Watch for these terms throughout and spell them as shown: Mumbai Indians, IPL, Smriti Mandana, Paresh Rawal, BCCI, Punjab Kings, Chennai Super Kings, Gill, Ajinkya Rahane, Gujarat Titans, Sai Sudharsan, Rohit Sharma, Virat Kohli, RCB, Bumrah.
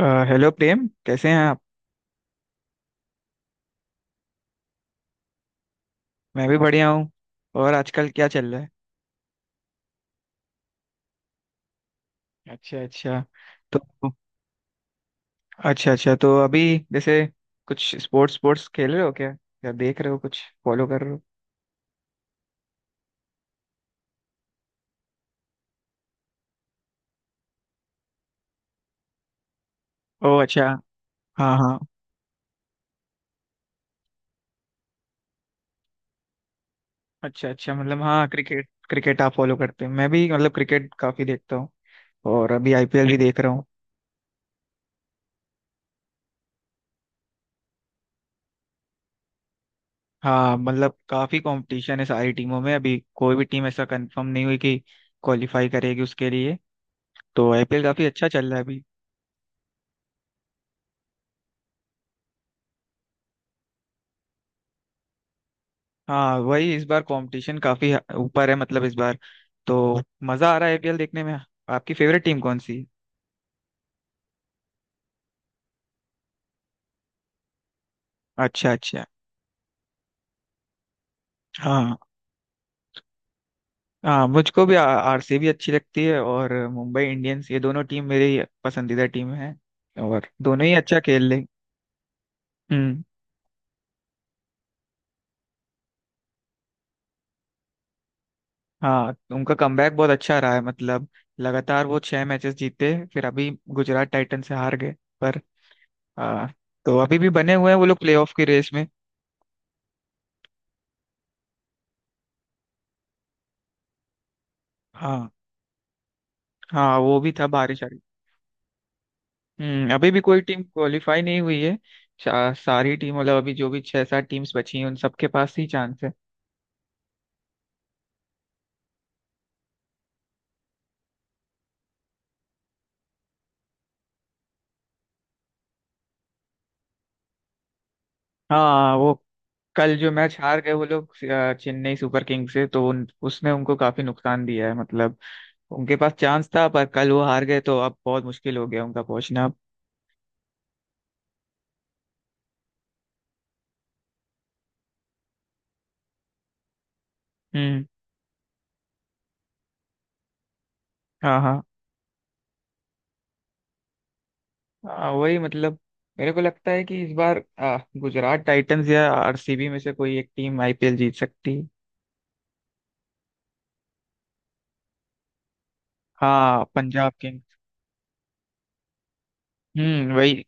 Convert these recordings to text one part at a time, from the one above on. Hello Prem. कैसे हैं आप। मैं भी बढ़िया हूँ। और आजकल क्या चल रहा है। अच्छा, अच्छा। तो अच्छा, अच्छा। तो अभी जैसे कुछ स्पोर्ट्स स्पोर्ट्स खेल रहे हो क्या, या देख रहे हो, कुछ फॉलो कर रहे हो? ओ, अच्छा। हाँ, हाँ। अच्छा, अच्छा, मतलब हाँ, क्रिकेट क्रिकेट आप फॉलो करते हो। मैं भी, मतलब, क्रिकेट काफी देखता हूँ। और अभी आईपीएल भी देख रहा हूँ। हाँ, मतलब काफी कंपटीशन है सारी टीमों में। अभी कोई भी टीम ऐसा कंफर्म नहीं हुई कि क्वालिफाई करेगी उसके लिए। तो आईपीएल काफी अच्छा चल रहा है अभी। हाँ, वही, इस बार कंपटीशन काफी ऊपर है, मतलब इस बार। तो मजा आ रहा है आईपीएल देखने में। आपकी फेवरेट टीम कौन सी है? अच्छा, अच्छा। हाँ, हाँ, मुझको भी आरसीबी अच्छी लगती है, और मुंबई इंडियंस, ये दोनों टीम मेरी पसंदीदा टीम है। और दोनों ही अच्छा खेल रही। हम्म। हाँ, उनका कमबैक बहुत अच्छा रहा है, मतलब लगातार वो छह मैचेस जीते। फिर अभी गुजरात टाइटन से हार गए। पर आ, तो अभी भी बने हुए हैं वो लोग प्लेऑफ की रेस में। हाँ, हाँ, वो भी था बारिश। हम्म। अभी भी कोई टीम क्वालिफाई नहीं हुई है। सारी टीम, मतलब अभी जो भी छह सात टीम्स बची हैं उन सबके पास ही चांस है। हाँ, वो कल जो मैच हार गए वो लोग, चेन्नई सुपर किंग्स से, तो उसने उनको काफी नुकसान दिया है, मतलब। उनके पास चांस था पर कल वो हार गए, तो अब बहुत मुश्किल हो गया उनका पहुंचना अब। हम्म। हाँ, हाँ, हाँ, वही मतलब, मेरे को लगता है कि इस बार गुजरात टाइटंस या आरसीबी में से कोई एक टीम आईपीएल जीत सकती है। हाँ, पंजाब किंग्स। हम्म, वही।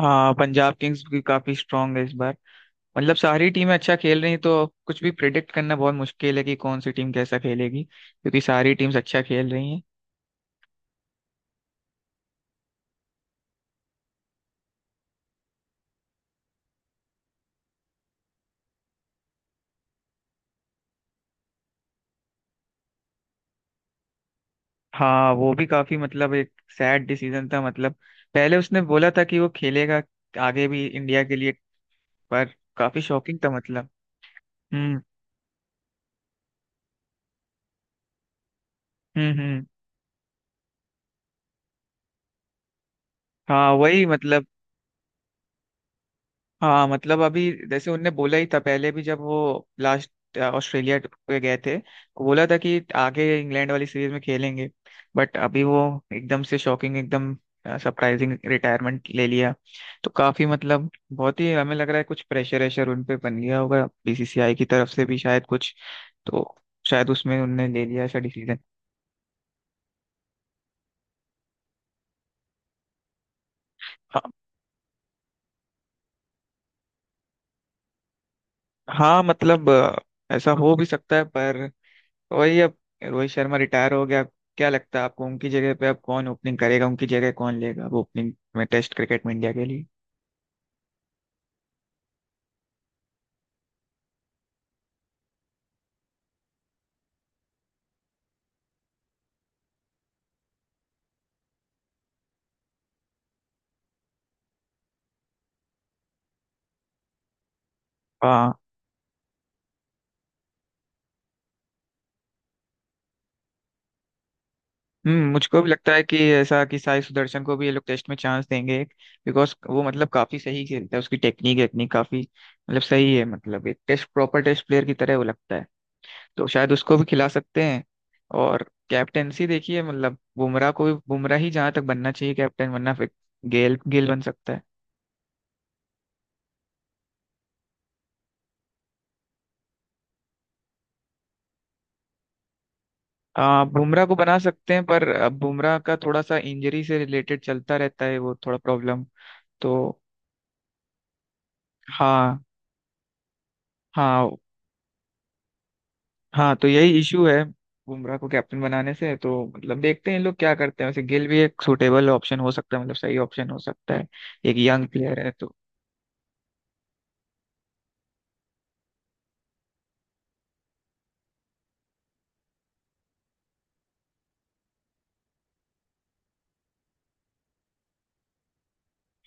हाँ, पंजाब किंग्स भी काफी स्ट्रांग है इस बार। मतलब सारी टीमें अच्छा खेल रही हैं, तो कुछ भी प्रिडिक्ट करना बहुत मुश्किल है कि कौन सी टीम कैसा खेलेगी, क्योंकि सारी टीम्स अच्छा खेल रही हैं। हाँ, वो भी काफी, मतलब एक सैड डिसीजन था, मतलब पहले उसने बोला था कि वो खेलेगा आगे भी इंडिया के लिए। पर काफी शॉकिंग था, मतलब। हम्म, हम्म, हम्म। हाँ, वही मतलब, हाँ, मतलब अभी। जैसे उनने बोला ही था पहले भी, जब वो लास्ट ऑस्ट्रेलिया पे गए थे, वो बोला था कि आगे इंग्लैंड वाली सीरीज में खेलेंगे। बट अभी वो एकदम से शॉकिंग, एकदम सरप्राइजिंग रिटायरमेंट ले लिया, तो काफी, मतलब बहुत ही हमें लग रहा है कुछ प्रेशर वेशर उन पे बन गया होगा बीसीसीआई की तरफ से भी, शायद कुछ, तो शायद उसमें उनने ले लिया ऐसा डिसीजन। हाँ, हाँ, मतलब ऐसा हो भी सकता है पर। तो वही, अब रोहित शर्मा रिटायर हो गया। क्या लगता है आपको, उनकी जगह पे अब कौन ओपनिंग करेगा, उनकी जगह कौन लेगा अब ओपनिंग में टेस्ट क्रिकेट में इंडिया के लिए? हाँ। हम्म, मुझको भी लगता है कि ऐसा कि साई सुदर्शन को भी ये लोग टेस्ट में चांस देंगे, बिकॉज वो, मतलब, काफी सही खेलता है, उसकी टेक्निक वेक्निक काफी, मतलब, सही है, मतलब एक टेस्ट, प्रॉपर टेस्ट प्लेयर की तरह वो लगता है। तो शायद उसको भी खिला सकते हैं। और कैप्टेंसी देखिए, मतलब बुमराह को भी, बुमराह ही जहां तक बनना चाहिए कैप्टन, वरना फिर गेल गेल बन सकता है। बुमराह को बना सकते हैं, पर अब बुमराह का थोड़ा सा इंजरी से रिलेटेड चलता रहता है, वो थोड़ा प्रॉब्लम। तो हाँ, हाँ। हाँ, तो यही इशू है बुमराह को कैप्टन बनाने से, तो मतलब देखते हैं इन लोग क्या करते हैं। वैसे गिल भी एक सूटेबल ऑप्शन हो सकता है, मतलब सही ऑप्शन हो सकता है। एक यंग प्लेयर है तो।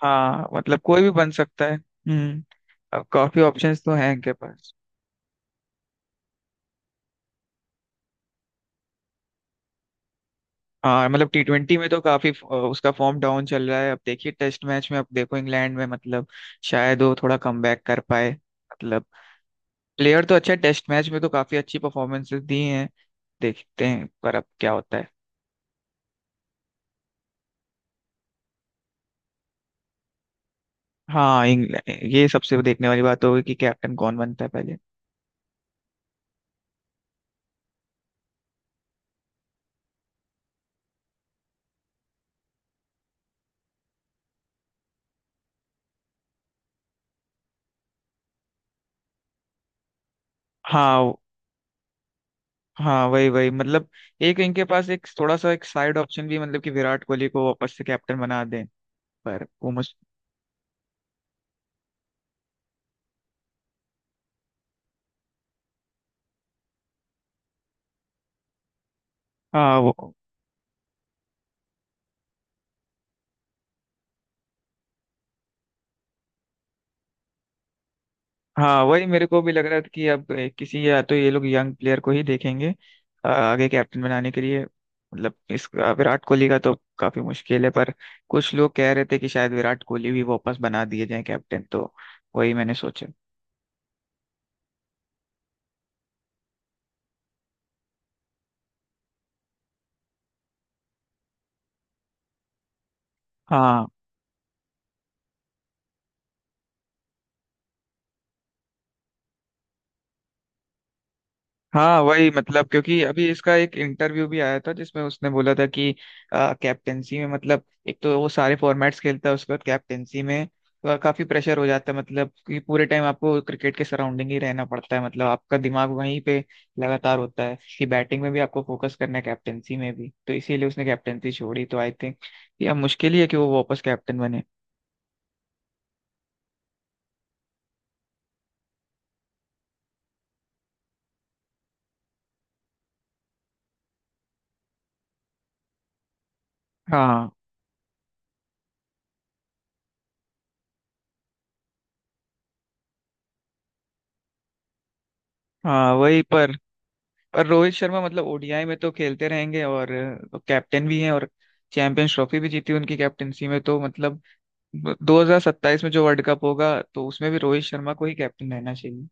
हाँ, मतलब कोई भी बन सकता है। हम्म। अब काफी ऑप्शंस तो हैं इनके पास। हाँ, मतलब टी ट्वेंटी में तो काफी उसका फॉर्म डाउन चल रहा है। अब देखिए टेस्ट मैच में, अब देखो इंग्लैंड में, मतलब शायद वो थोड़ा कमबैक कर पाए, मतलब। प्लेयर तो अच्छा, टेस्ट मैच में तो काफी अच्छी परफॉर्मेंसेस दी हैं। देखते हैं पर अब क्या होता है। हाँ, इंग्लैंड, ये सबसे देखने वाली बात होगी कि कैप्टन कौन बनता है पहले। हाँ, हाँ, वही वही मतलब एक इनके पास, एक थोड़ा सा एक साइड ऑप्शन भी, मतलब कि विराट कोहली को वापस से कैप्टन बना दें, पर वो मुश्किल। हाँ, वो, हाँ, वही मेरे को भी लग रहा था कि अब, किसी, या तो ये लोग यंग प्लेयर को ही देखेंगे आगे कैप्टन बनाने के लिए, मतलब इस, विराट कोहली का तो काफी मुश्किल है, पर कुछ लोग कह रहे थे कि शायद विराट कोहली भी वापस बना दिए जाए कैप्टन, तो वही मैंने सोचा। हाँ, हाँ, वही मतलब, क्योंकि अभी इसका एक इंटरव्यू भी आया था जिसमें उसने बोला था कि कैप्टेंसी में, मतलब, एक तो वो सारे फॉर्मेट्स खेलता है, उसके बाद कैप्टेंसी में काफी प्रेशर हो जाता है, मतलब कि पूरे टाइम आपको क्रिकेट के सराउंडिंग ही रहना पड़ता है, मतलब आपका दिमाग वहीं पे लगातार होता है कि बैटिंग में भी आपको फोकस करना है, कैप्टेंसी में भी। तो इसीलिए उसने कैप्टेंसी छोड़ी, तो आई थिंक ये अब मुश्किल ही है कि वो वापस कैप्टन बने। हाँ, हाँ, वही पर। और रोहित शर्मा, मतलब ओडीआई में तो खेलते रहेंगे, और कैप्टन भी हैं, और चैंपियंस ट्रॉफी भी जीती उनकी कैप्टनसी में, तो मतलब 2027 में जो वर्ल्ड कप होगा, तो उसमें भी रोहित शर्मा को ही कैप्टन रहना चाहिए।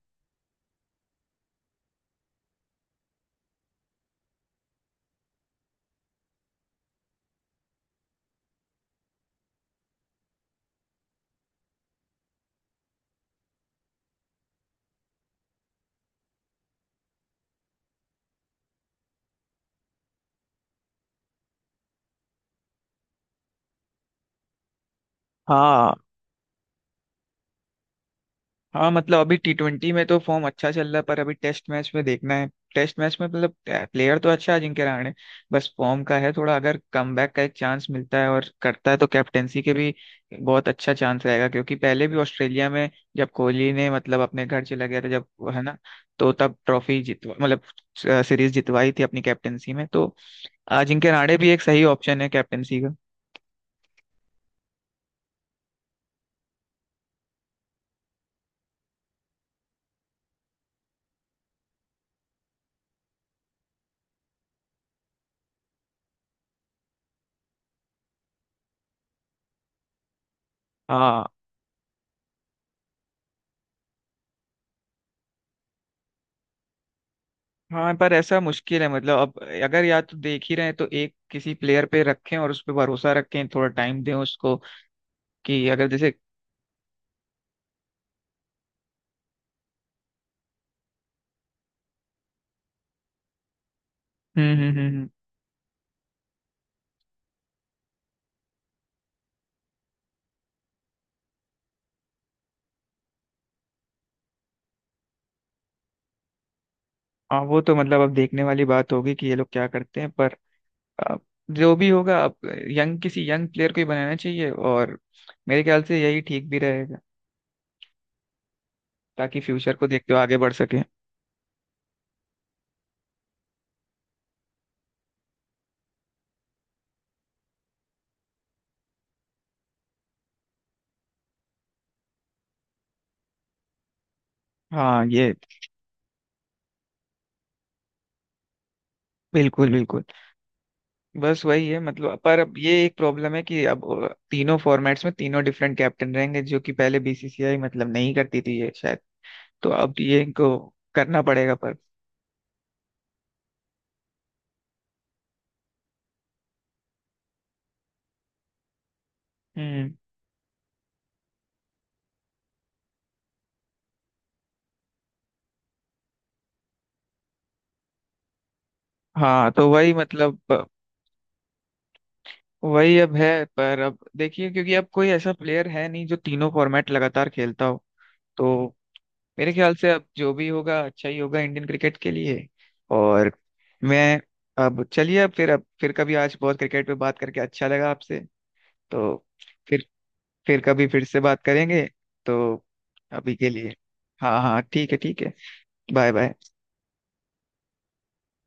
हाँ, हाँ, मतलब अभी टी ट्वेंटी में तो फॉर्म अच्छा चल रहा है, पर अभी टेस्ट मैच में देखना है। टेस्ट मैच में, मतलब, प्लेयर तो अच्छा है अजिंक्य रहाणे। बस फॉर्म का है थोड़ा, अगर कमबैक का एक चांस मिलता है और करता है तो कैप्टेंसी के भी बहुत अच्छा चांस रहेगा, क्योंकि पहले भी ऑस्ट्रेलिया में, जब कोहली ने, मतलब, अपने घर चला गया था जब, है ना, तो तब ट्रॉफी जितवा, मतलब सीरीज जितवाई थी अपनी कैप्टेंसी में, तो अजिंक्य रहाणे भी एक सही ऑप्शन है कैप्टेंसी का। हाँ, हाँ, पर ऐसा मुश्किल है, मतलब अब, अगर या तो देख ही रहे हैं तो एक, किसी प्लेयर पे रखें और उस पे भरोसा रखें, थोड़ा टाइम दें उसको, कि अगर जैसे। हम्म, हम्म, हम्म, हाँ, वो तो, मतलब अब देखने वाली बात होगी कि ये लोग क्या करते हैं पर। अब जो भी होगा, अब यंग, किसी यंग प्लेयर को ही बनाना चाहिए, और मेरे ख्याल से यही ठीक भी रहेगा, ताकि फ्यूचर को देखते हुए आगे बढ़ सके। हाँ, ये बिल्कुल, बिल्कुल, बस वही है, मतलब। पर अब ये एक प्रॉब्लम है कि अब तीनों फॉर्मेट्स में तीनों डिफरेंट कैप्टन रहेंगे, जो कि पहले बीसीसीआई, मतलब, नहीं करती थी ये शायद, तो अब ये इनको करना पड़ेगा पर। हम्म। हाँ, तो वही मतलब वही अब है, पर अब देखिए, क्योंकि अब कोई ऐसा प्लेयर है नहीं जो तीनों फॉर्मेट लगातार खेलता हो, तो मेरे ख्याल से अब जो भी होगा, अच्छा ही होगा इंडियन क्रिकेट के लिए। और मैं, अब चलिए, अब फिर, अब फिर कभी, आज बहुत क्रिकेट पे बात करके अच्छा लगा आपसे। तो फिर फिर कभी फिर से बात करेंगे। तो अभी के लिए, हाँ, हाँ, ठीक है, ठीक है। Bye, bye.